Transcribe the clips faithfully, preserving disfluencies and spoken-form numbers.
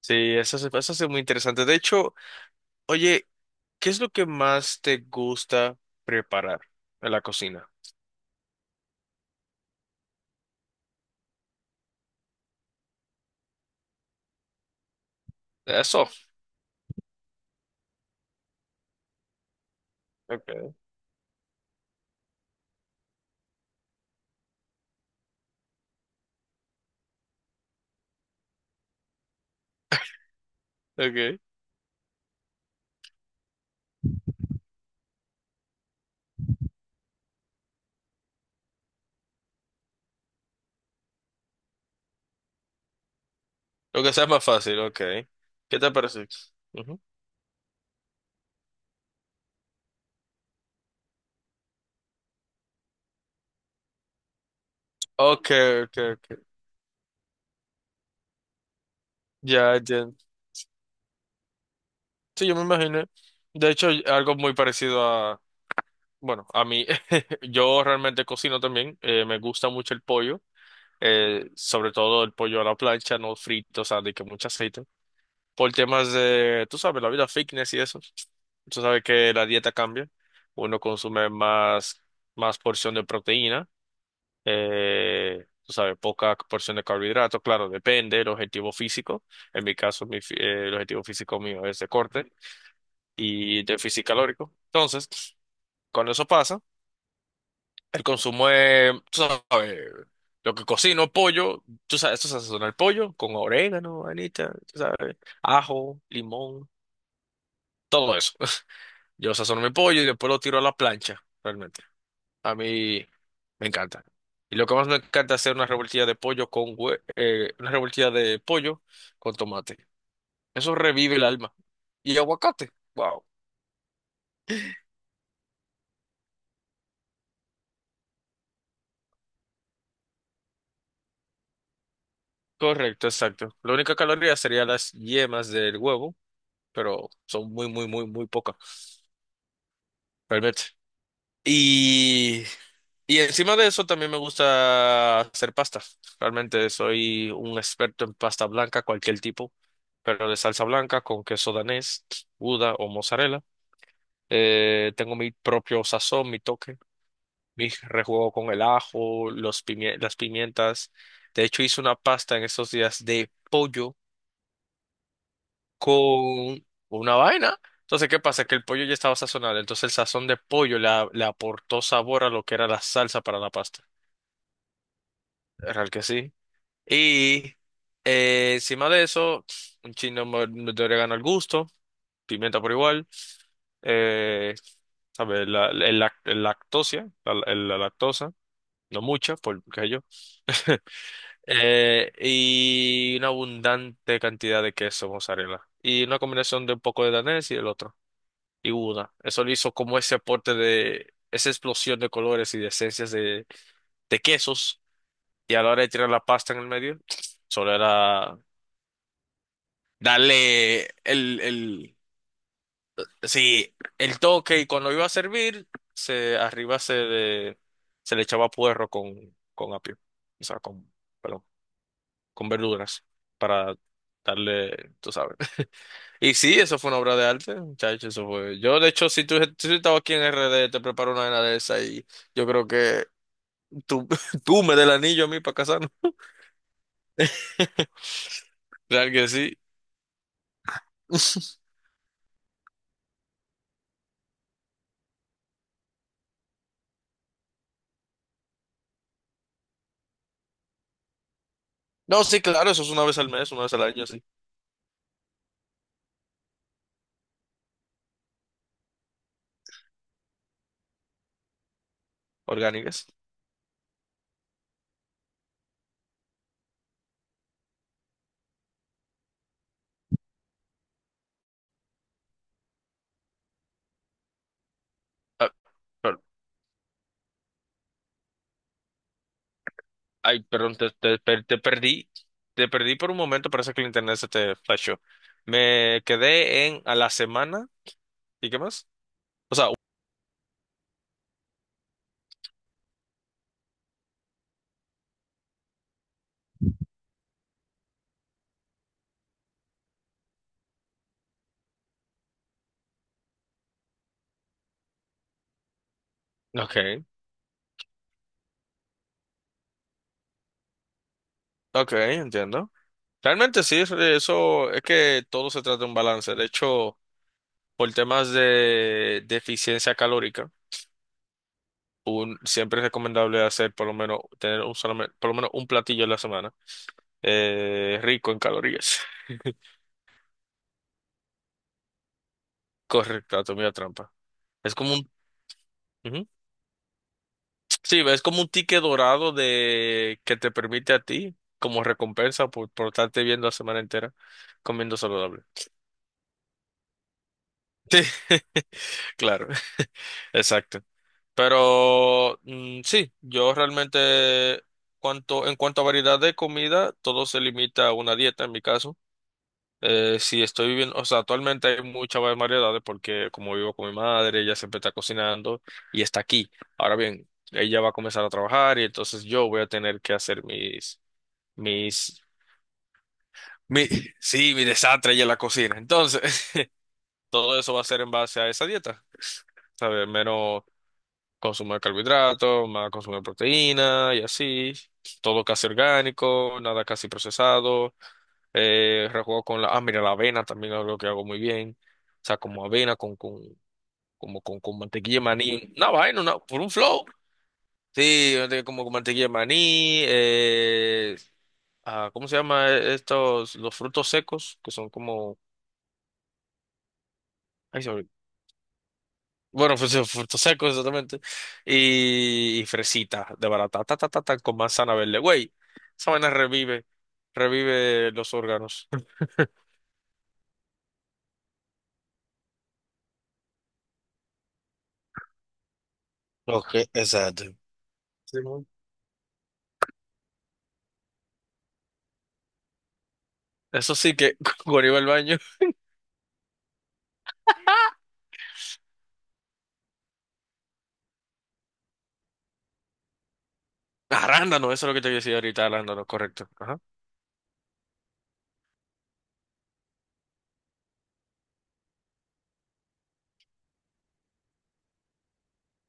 Sí, eso se, eso es muy interesante. De hecho, oye, ¿qué es lo que más te gusta preparar en la cocina? Eso. Okay, okay. Lo que sea más fácil, okay. ¿Qué te parece? Ujú. Okay, okay, okay. Ya, ya. Sí, yo me imaginé. De hecho, algo muy parecido a, bueno, a mí. Yo realmente cocino también. Eh, me gusta mucho el pollo, eh, sobre todo el pollo a la plancha, no frito, o sea, de que mucho aceite. Por temas de, tú sabes, la vida fitness y eso. Tú sabes que la dieta cambia. Uno consume más, más porción de proteína, eh, tú sabes, poca porción de carbohidratos. Claro, depende del objetivo físico. En mi caso, mi, fi- eh, el objetivo físico mío es de corte y déficit calórico. Entonces, cuando eso pasa, el consumo es, tú sabes, lo que cocino, pollo, tú sabes, esto se sazona el pollo con orégano, anita, tú sabes, ajo, limón, todo eso. Yo sazono mi pollo y después lo tiro a la plancha, realmente. A mí me encanta. Y lo que más me encanta es hacer una revoltilla de pollo con hue- eh, una revoltilla de pollo con tomate. Eso revive el alma. Y aguacate. Wow. Correcto, exacto. La única caloría sería las yemas del huevo, pero son muy, muy, muy, muy pocas. Realmente. Y, y encima de eso también me gusta hacer pasta. Realmente soy un experto en pasta blanca, cualquier tipo, pero de salsa blanca con queso danés, gouda o mozzarella. Eh, tengo mi propio sazón, mi toque, mi rejuego con el ajo, los pimie- las pimientas. De hecho, hice una pasta en estos días de pollo con una vaina. Entonces, ¿qué pasa? Que el pollo ya estaba sazonado, entonces el sazón de pollo le a- le aportó sabor a lo que era la salsa para la pasta. Real que sí. Y eh, encima de eso, un chino mo- de orégano al gusto, pimienta por igual, eh, ¿sabes? La, el lac- el lactosia, la, el- la lactosa, no mucha, porque yo. Eh, y una abundante cantidad de queso mozzarella. Y una combinación de un poco de danés y del otro. Y gouda. Eso le hizo como ese aporte de esa explosión de colores y de esencias de, de quesos. Y a la hora de tirar la pasta en el medio, solo era darle el, el, sí, el toque, y cuando iba a servir, se, arriba se le, se le echaba puerro con, con apio, o sea, con, perdón, con verduras para darle, tú sabes. Y sí, eso fue una obra de arte, muchachos, eso fue. Yo, de hecho, si tú, si tú estabas aquí en erre de, te preparo una vaina de esa y yo creo que tú, tú me des el anillo a mí para casarnos. Real que sí. No, sí, claro, eso es una vez al mes, una vez al año, sí. Orgánicas. Ah, ay, perdón, te, te per- te perdí. Te perdí por un momento, parece que el internet se te flashó. Me quedé en a la semana. ¿Y qué más? O sea, okay, okay, entiendo. Realmente sí, es- eso es que todo se trata de un balance. De hecho, por temas de, de eficiencia calórica, un, siempre es recomendable hacer por lo menos tener un solamente, por lo menos un platillo a la semana eh, rico en calorías. Correcto, anatomía trampa. Es como un... Ujú. Sí, es como un ticket dorado de que te permite a ti como recompensa por, por estarte viendo la semana entera comiendo saludable. Sí, claro, exacto. Pero mm, sí, yo realmente cuanto, en cuanto a variedad de comida, todo se limita a una dieta en mi caso. Eh, si estoy viviendo, o sea, actualmente hay muchas más variedades porque como vivo con mi madre, ella siempre está cocinando y está aquí. Ahora bien, ella va a comenzar a trabajar y entonces yo voy a tener que hacer mis Mis, mi, sí, mi desastre y en la cocina. Entonces, todo eso va a ser en base a esa dieta, ¿sabes? Menos consumo de carbohidratos, más consumo de proteína y así. Todo casi orgánico, nada casi procesado. Eh, rejuego con la, ah, mira, la avena también es algo que hago muy bien. O sea, como avena con, con, como con, con mantequilla de maní. Una vaina, una- por un flow. Sí, de- como con mantequilla de maní, eh, ah, ¿cómo se llama estos? Los frutos secos, que son como ay, sobre- bueno, pues eh, frutos secos, exactamente. Y, y fresitas de barata, ta, ta, ta, ta, con manzana verde. Güey, esa vaina revive, revive los órganos. Ok, exacto. Simón. Eso sí que cuando iba al baño. Arándano, eso es lo que te decía ahorita, arándano, correcto. Ajá.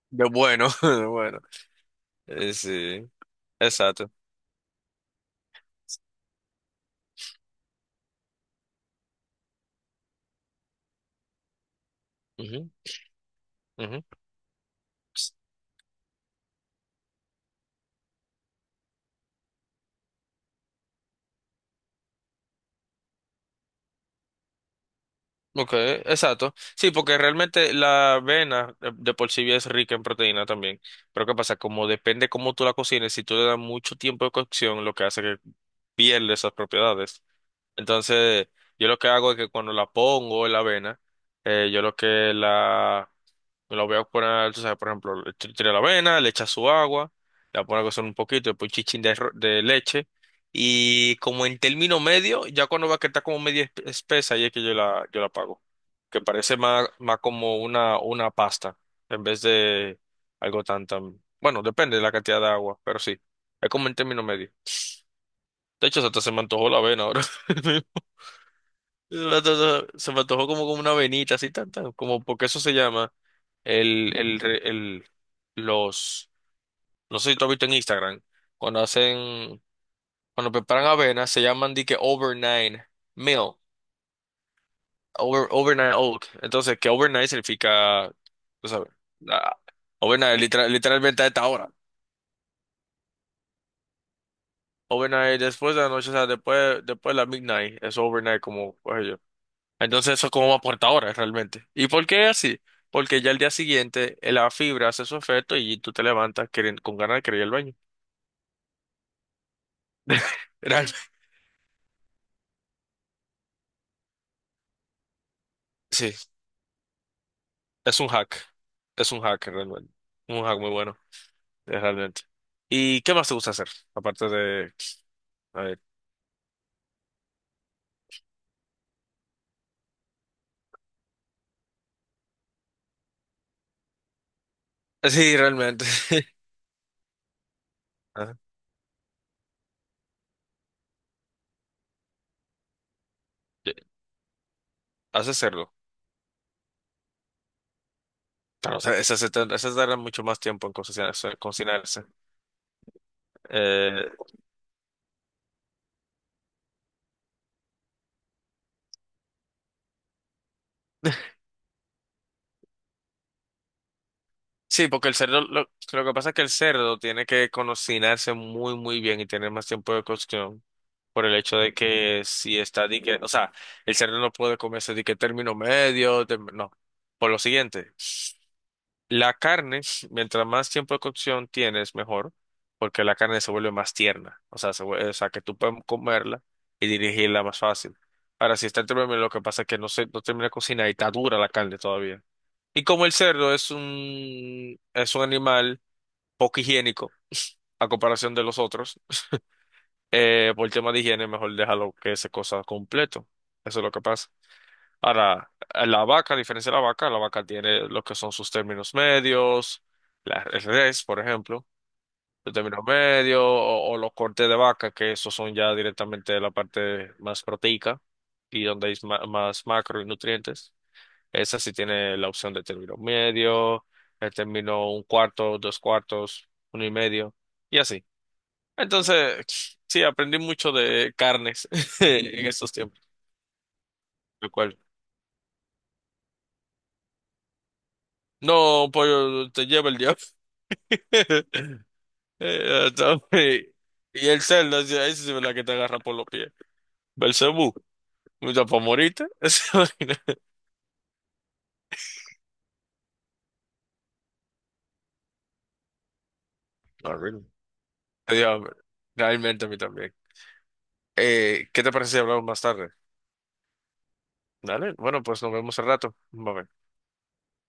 De bueno, de bueno. Eh, sí, exacto. Ujú, ujú. Ok, exacto. Sí, porque realmente la avena de, de por sí ya es rica en proteína también. Pero ¿qué pasa? Como depende cómo tú la cocines, si tú le das mucho tiempo de cocción, lo que hace que pierde esas propiedades. Entonces, yo lo que hago es que cuando la pongo en la avena, eh, yo lo que la lo voy a poner, tú sabes, por ejemplo, le t- tira la avena, le echa su agua, la pone a cocer un poquito, después un chichín de, arro- de leche. Y como en término medio, ya cuando va a estar como media espe- espesa, ahí es que yo la, yo la apago. Que parece más, más como una, una pasta, en vez de algo tan, tan... Bueno, depende de la cantidad de agua, pero sí, es como en término medio. De hecho, hasta se me antojó la avena ahora. Se me antojó se me antojó como, como una avenita, así, tan, tan, como porque eso se llama. El, el, el, los, no sé si tú has visto en Instagram, cuando hacen, cuando preparan avena, se llaman di que overnight meal, over, overnight oat. Entonces, que overnight significa, tú sabes, la- overnight, literal- literalmente a esta hora. Overnight, después de la noche, o sea, después, después de la midnight, es overnight como, pues yo. Entonces, eso es como va por esta hora, realmente. ¿Y por qué así? Porque ya el día siguiente, eh, la fibra hace su efecto y tú te levantas queren- con ganas de querer ir al baño. Realmente. Sí. Es un hack. Es un hack realmente. Un hack muy bueno, eh, realmente. ¿Y qué más te gusta hacer? Aparte de... A ver. Sí, realmente. Ajá. Sí, haces cerdo. Claro, o sea, esas se tar- esas tardan mucho más tiempo en cocinarse. Cocinarse. Eh, sí, porque el cerdo, lo, lo que pasa es que el cerdo tiene que cocinarse muy, muy bien y tener más tiempo de cocción por el hecho de que si está dique, o sea, el cerdo no puede comerse dique término medio, tem- no, por lo siguiente. La carne, mientras más tiempo de cocción tienes, mejor, porque la carne se vuelve más tierna, o sea, se vuelve- o sea, que tú puedes comerla y dirigirla más fácil. Ahora, si está en términos, lo que pasa es que no se, no termina de cocinar y está dura la carne todavía. Y como el cerdo es un, es un animal poco higiénico a comparación de los otros, eh, por el tema de higiene, mejor déjalo que se cosa completo. Eso es lo que pasa. Ahora, la vaca, a diferencia de la vaca, la vaca tiene lo que son sus términos medios, la, el res, por ejemplo, el término medio, o, o los cortes de vaca, que esos son ya directamente la parte más proteica y donde hay ma- más, macro y nutrientes. Esa sí tiene la opción de término medio, el término un cuarto, dos cuartos, uno y medio, y así. Entonces, sí, aprendí mucho de carnes en estos tiempos, lo cual no, pollo, te lleva el diablo. Eh, está bien. Y el cerdo, esa sí es la que te agarra por los pies. Belcebú, mucha pomorita. Esa vaina. Ah, really? Tenía hambre. Realmente a mí también. Eh, ¿qué te parece si hablamos más tarde? Dale, bueno, pues nos vemos al rato. Bye.